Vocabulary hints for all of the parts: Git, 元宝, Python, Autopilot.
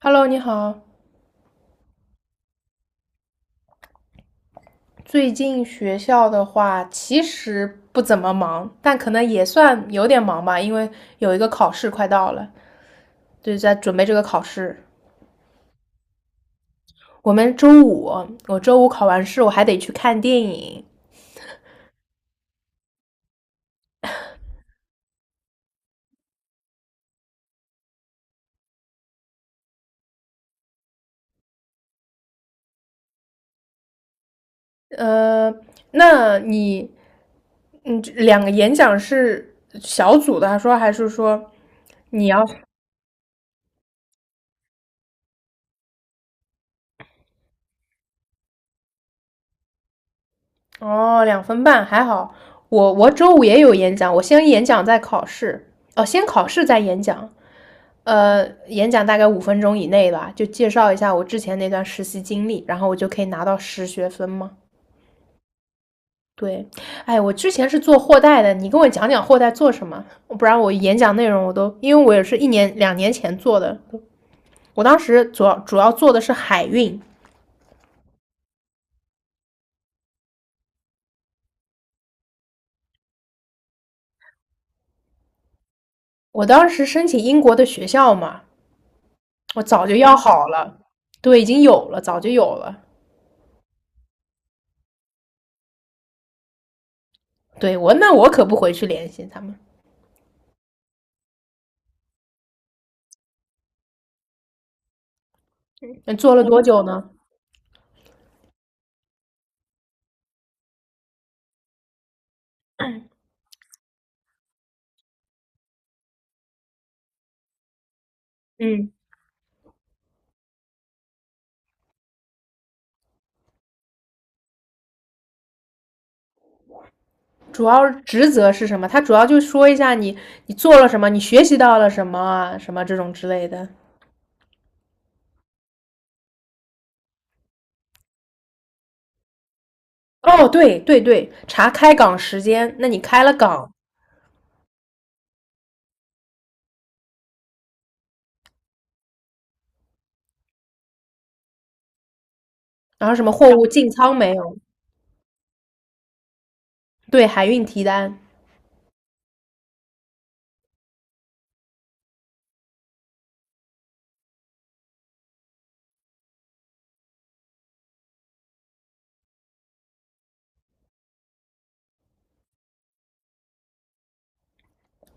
Hello，你好。最近学校的话，其实不怎么忙，但可能也算有点忙吧，因为有一个考试快到了，就是在准备这个考试。我们周五，我周五考完试，我还得去看电影。呃，那你，2个演讲是小组的，还说还是说你要？哦，2分半还好。我周五也有演讲，我先演讲再考试。哦，先考试再演讲。演讲大概5分钟以内吧，就介绍一下我之前那段实习经历，然后我就可以拿到实学分吗？对。哎，我之前是做货代的，你跟我讲讲货代做什么，不然我演讲内容我都，因为我也是1年2年前做的，我当时主要做的是海运，我当时申请英国的学校嘛，我早就要好了，对，已经有了，早就有了。对,那我可不回去联系他们，做了多久呢？嗯，主要职责是什么？他主要就说一下你做了什么，你学习到了什么啊，什么这种之类的。哦，对对对，查开港时间，那你开了港，然后什么货物进仓没有？对，海运提单。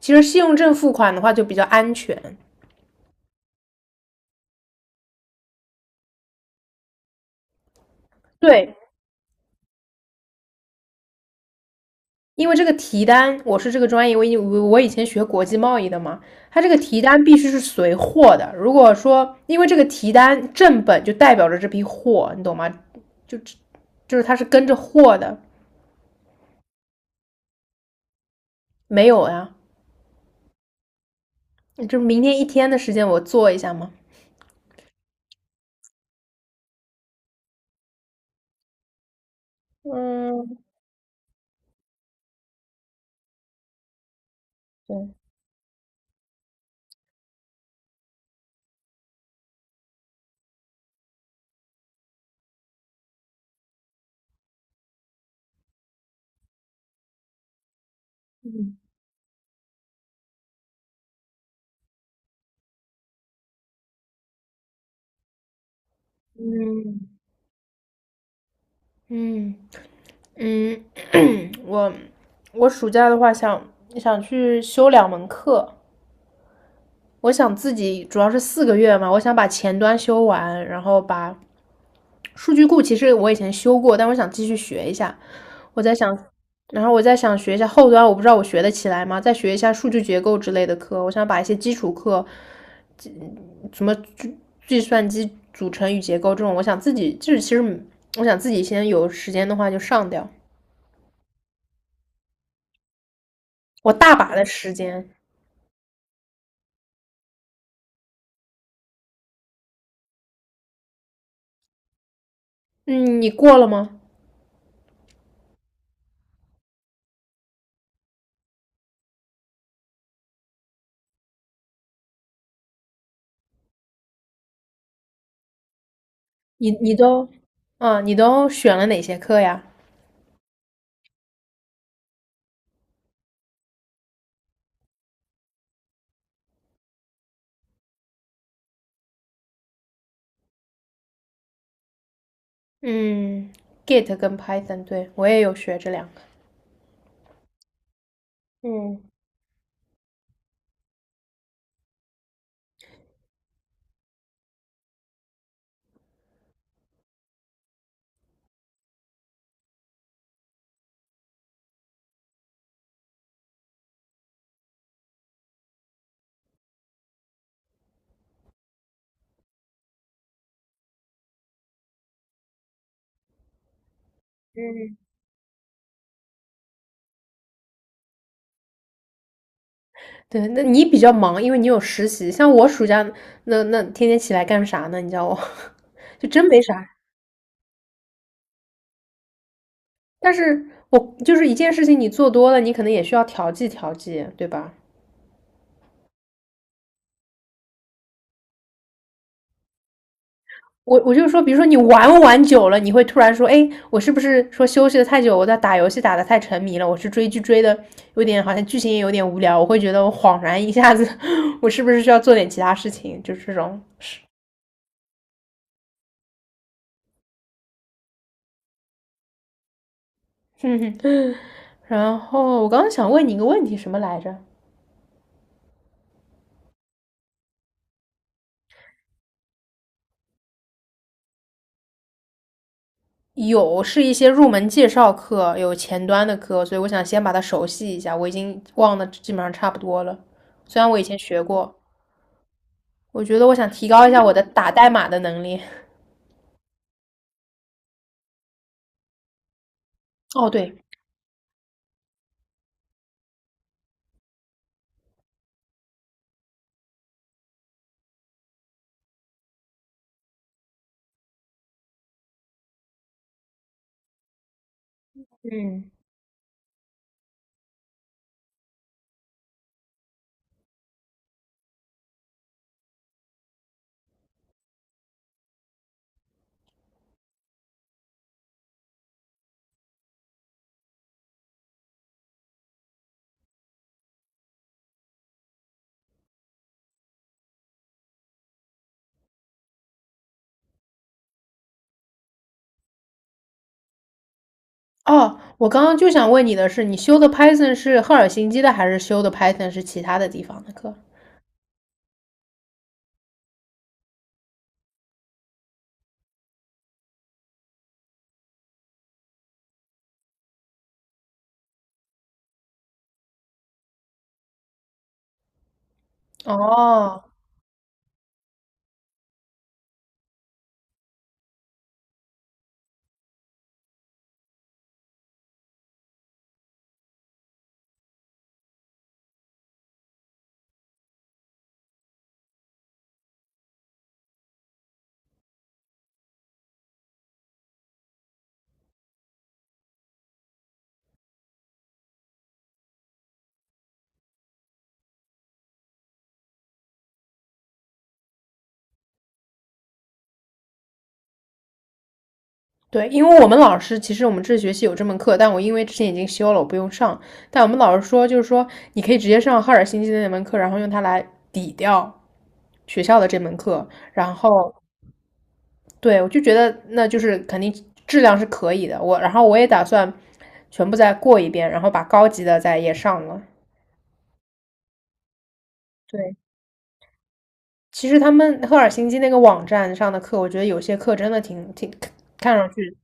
其实信用证付款的话就比较安全，对，因为这个提单，我是这个专业，我以前学国际贸易的嘛，它这个提单必须是随货的。如果说因为这个提单正本就代表着这批货，你懂吗？就就是它是跟着货的，没有呀，就是明天一天的时间我做一下吗？嗯，对，嗯嗯嗯，我我暑假的话想去修2门课，我想自己主要是4个月嘛，我想把前端修完，然后把数据库其实我以前修过，但我想继续学一下。我在想，然后我在想学一下后端，我不知道我学得起来吗？再学一下数据结构之类的课，我想把一些基础课什么计算机组成与结构这种，我想自己就是其实我想自己先有时间的话就上掉，我大把的时间。嗯，你过了吗？你你都，啊，你都选了哪些课呀？嗯，Git 跟 Python,对，我也有学这两个。嗯嗯，对，那你比较忙，因为你有实习。像我暑假那天天起来干啥呢？你叫我，就真没啥。但是我就是一件事情，你做多了，你可能也需要调剂调剂，对吧？我就说，比如说你玩玩久了，你会突然说，哎，我是不是说休息的太久，我在打游戏打的太沉迷了，我是追剧追的有点好像剧情也有点无聊，我会觉得我恍然一下子，我是不是需要做点其他事情？就是这种。嗯，然后我刚刚想问你一个问题，什么来着？有是一些入门介绍课，有前端的课，所以我想先把它熟悉一下。我已经忘的基本上差不多了，虽然我以前学过，我觉得我想提高一下我的打代码的能力。哦，对，嗯，哦，我刚刚就想问你的是，你修的 Python 是赫尔辛基的，还是修的 Python 是其他的地方的课？哦，对，因为我们老师其实我们这学期有这门课，但我因为之前已经修了，我不用上。但我们老师说，就是说你可以直接上赫尔辛基的那门课，然后用它来抵掉学校的这门课。然后，对，我就觉得那就是肯定质量是可以的。我，然后我也打算全部再过一遍，然后把高级的再也上了。对。其实他们赫尔辛基那个网站上的课，我觉得有些课真的挺看上去，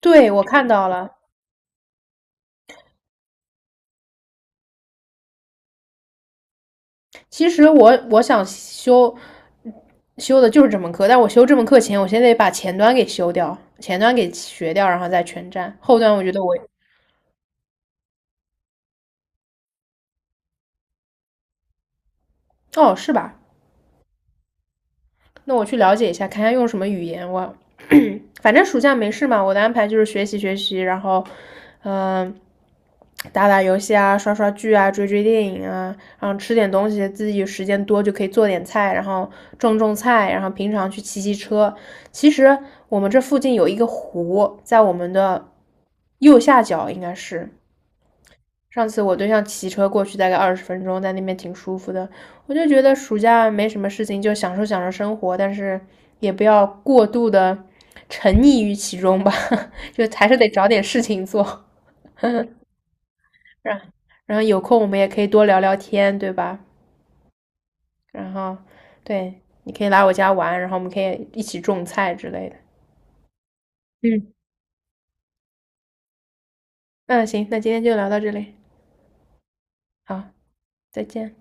对，我看到了。其实我想修的就是这门课，但我修这门课前，我先得把前端给修掉，前端给学掉，然后再全站。后端我觉得我，哦，是吧？那我去了解一下，看一下用什么语言，我反正暑假没事嘛，我的安排就是学习学习，然后，嗯、呃打打游戏啊，刷刷剧啊，追追电影啊，然后吃点东西，自己时间多就可以做点菜，然后种种菜，然后平常去骑骑车。其实我们这附近有一个湖，在我们的右下角应该是，上次我对象骑车过去大概20分钟，在那边挺舒服的。我就觉得暑假没什么事情，就享受享受生活，但是也不要过度的沉溺于其中吧，就还是得找点事情做。然然后有空我们也可以多聊聊天，对吧？然后对，你可以来我家玩，然后我们可以一起种菜之类的。嗯，嗯，行，那今天就聊到这里，好，再见。